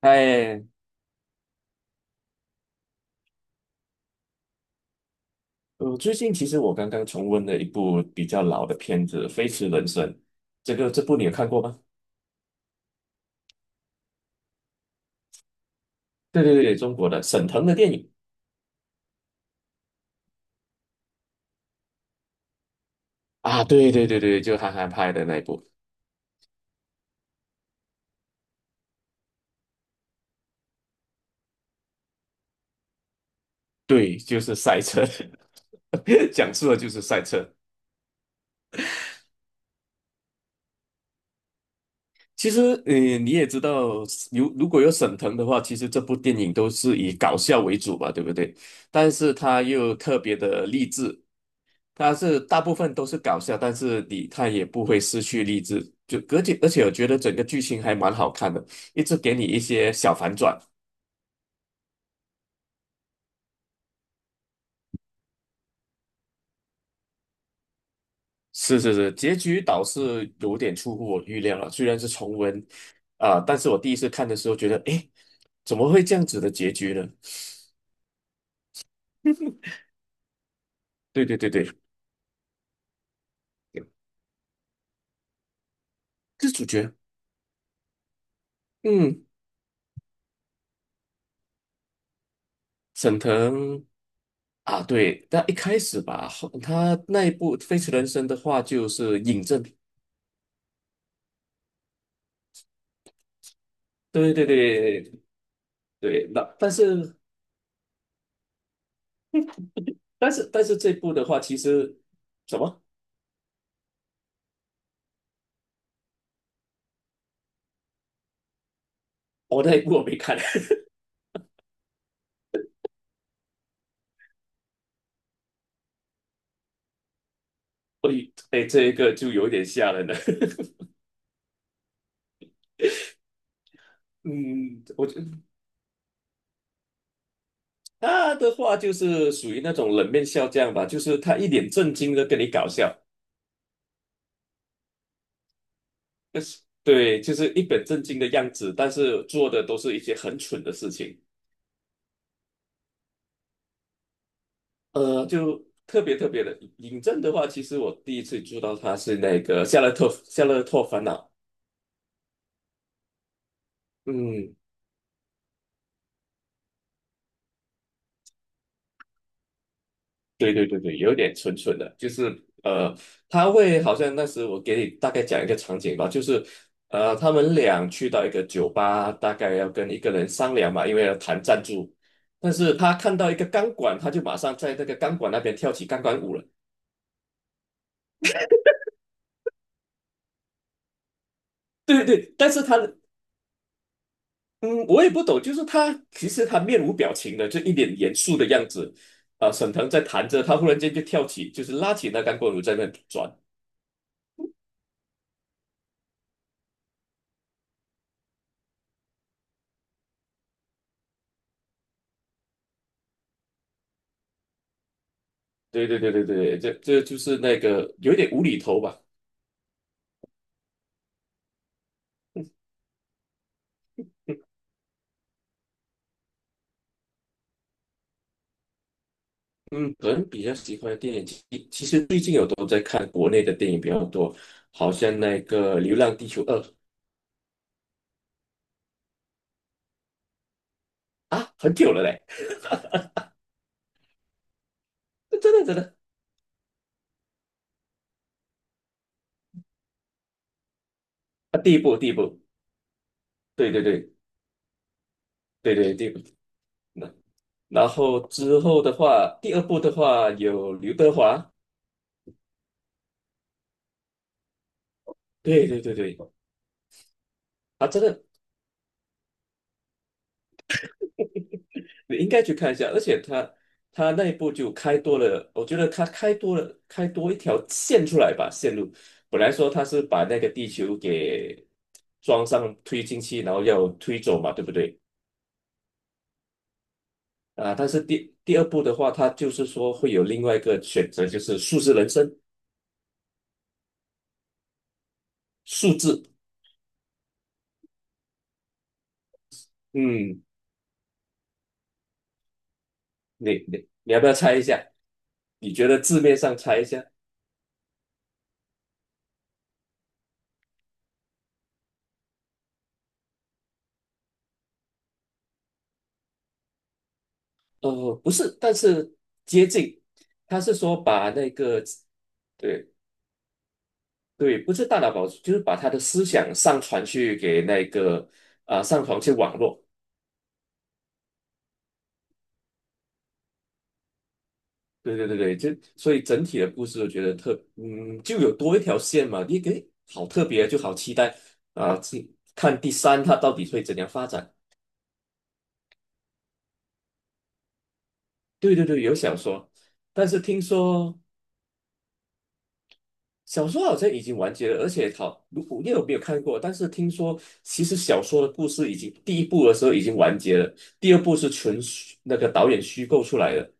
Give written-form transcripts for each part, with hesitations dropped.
哎，我最近其实我刚刚重温了一部比较老的片子《飞驰人生》，这个这部你有看过吗？对对对，中国的沈腾的电影。啊，对对对对，就韩寒拍的那一部。对，就是赛车，讲述的就是赛车。其实，你也知道，如果有沈腾的话，其实这部电影都是以搞笑为主吧，对不对？但是他又特别的励志，它是大部分都是搞笑，但是你看也不会失去励志，就而且我觉得整个剧情还蛮好看的，一直给你一些小反转。是是是，结局倒是有点出乎我预料了，虽然是重温，啊、但是我第一次看的时候觉得，诶，怎么会这样子的结局呢？对对对对，这主角，嗯，沈腾啊，对，但一开始吧，后他那一部《飞驰人生》的话就是尹正，对对对，对，那但是但是这部的话，其实什么？我那一部我没看，所以哎，这一个就有点吓人了。嗯，我觉得他的话就是属于那种冷面笑匠吧，就是他一脸正经的跟你搞笑，对，就是一本正经的样子，但是做的都是一些很蠢的事情。就特别特别的尹正的话，其实我第一次知道他是那个《夏洛特烦恼》。嗯，对对对对，有点蠢蠢的，就是呃，他会好像那时我给你大概讲一个场景吧，就是他们俩去到一个酒吧，大概要跟一个人商量嘛，因为要谈赞助，但是他看到一个钢管，他就马上在那个钢管那边跳起钢管舞了。对对对，但是他的嗯，我也不懂，就是他其实他面无表情的，就一脸严肃的样子。啊，沈腾在弹着，他忽然间就跳起，就是拉起那钢管舞在那转。对对对对对，这就是那个有一点无厘头吧。嗯，个人比较喜欢的电影，其实最近有都在看国内的电影比较多，好像那个《流浪地球二》啊，很久了嘞，真的真的啊，第一部第一部，对对对对对第一部，那然后之后的话，第二部的话有刘德华，对对对对，啊，真的你应该去看一下，而且他他那一步就开多了，我觉得他开多了，开多一条线出来吧，线路。本来说他是把那个地球给装上推进器，然后要推走嘛，对不对？啊，但是第二步的话，他就是说会有另外一个选择，就是数字人生，数字。嗯，你要不要猜一下？你觉得字面上猜一下？呃，不是，但是接近。他是说把那个。对。对，不是大脑保存，就是把他的思想上传去给那个啊、上传去网络。对对对对，就所以整体的故事，我觉得特嗯，就有多一条线嘛，你给好特别，就好期待啊，去看第三它到底会怎样发展。对对对，有小说，但是听说小说好像已经完结了，而且好，如果你有没有看过，但是听说其实小说的故事已经第一部的时候已经完结了，第二部是纯虚那个导演虚构出来的。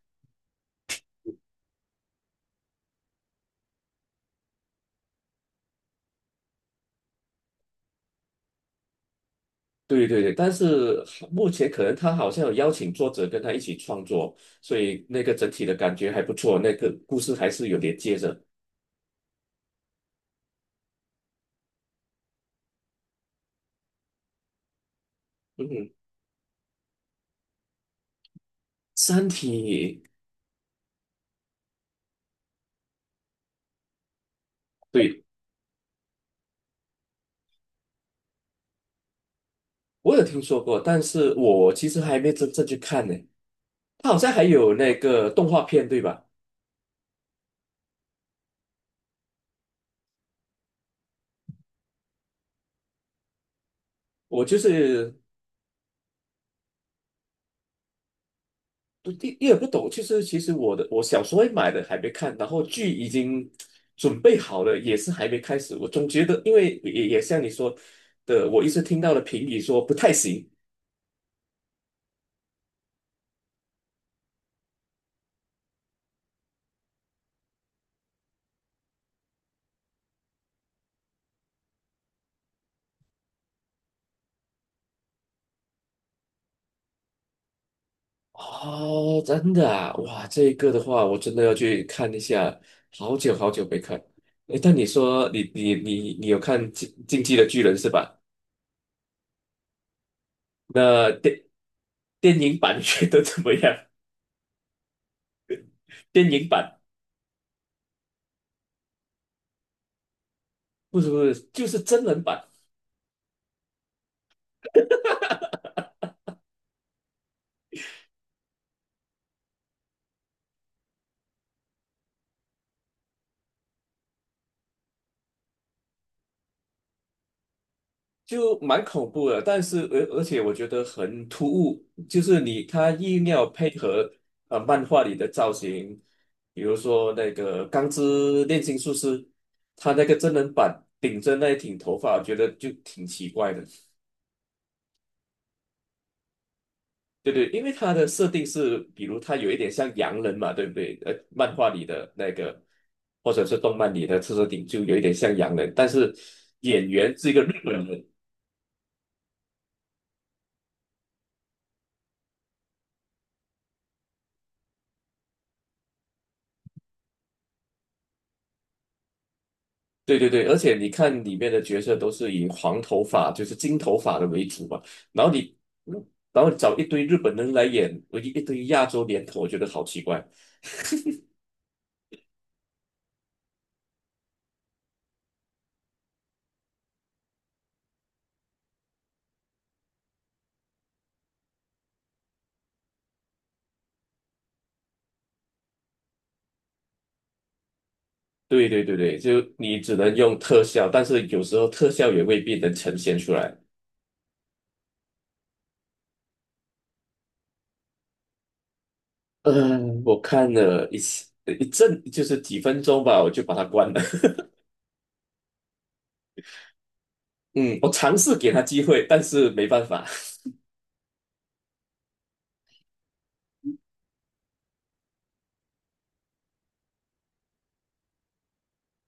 对对对，但是目前可能他好像有邀请作者跟他一起创作，所以那个整体的感觉还不错，那个故事还是有连接着。嗯哼，《三体》对我有听说过，但是我其实还没真正去看呢。他好像还有那个动画片，对吧？我就是不第一也不懂，就是其实我的我小时候会买的还没看，然后剧已经准备好了，也是还没开始。我总觉得，因为也像你说的，我一直听到了评语说不太行。哦，真的啊，哇，这个的话，我真的要去看一下，好久好久没看。诶，但你说你有看《进击的巨人》是吧？那电影版觉得怎么样？电影版不是不是，就是真人版。就蛮恐怖的，但是而且我觉得很突兀，就是你他硬要配合呃漫画里的造型，比如说那个《钢之炼金术师》，他那个真人版顶着那一顶头发，我觉得就挺奇怪的。对对，因为他的设定是，比如他有一点像洋人嘛，对不对？呃，漫画里的那个，或者是动漫里的设顶就有一点像洋人，但是演员是一个日本人，对对对，而且你看里面的角色都是以黄头发，就是金头发的为主嘛，然后你，嗯然后找一堆日本人来演，我一堆亚洲脸孔，我觉得好奇怪。对对对对，就你只能用特效，但是有时候特效也未必能呈现出来。嗯，我看了一次一阵，就是几分钟吧，我就把它关了。嗯，我尝试给他机会，但是没办法。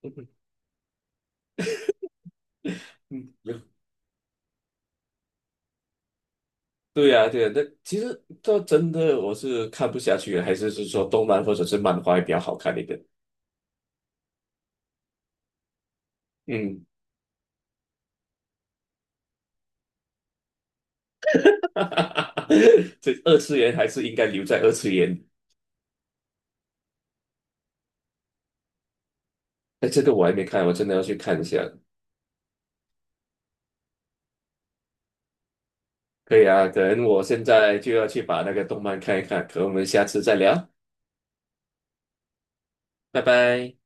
嗯，对呀，对呀，那其实这真的我是看不下去的还是是说动漫或者是漫画会比较好看一点。嗯，这二次元还是应该留在二次元。哎，这个我还没看，我真的要去看一下。可以啊，可能我现在就要去把那个动漫看一看，可能我们下次再聊，拜拜。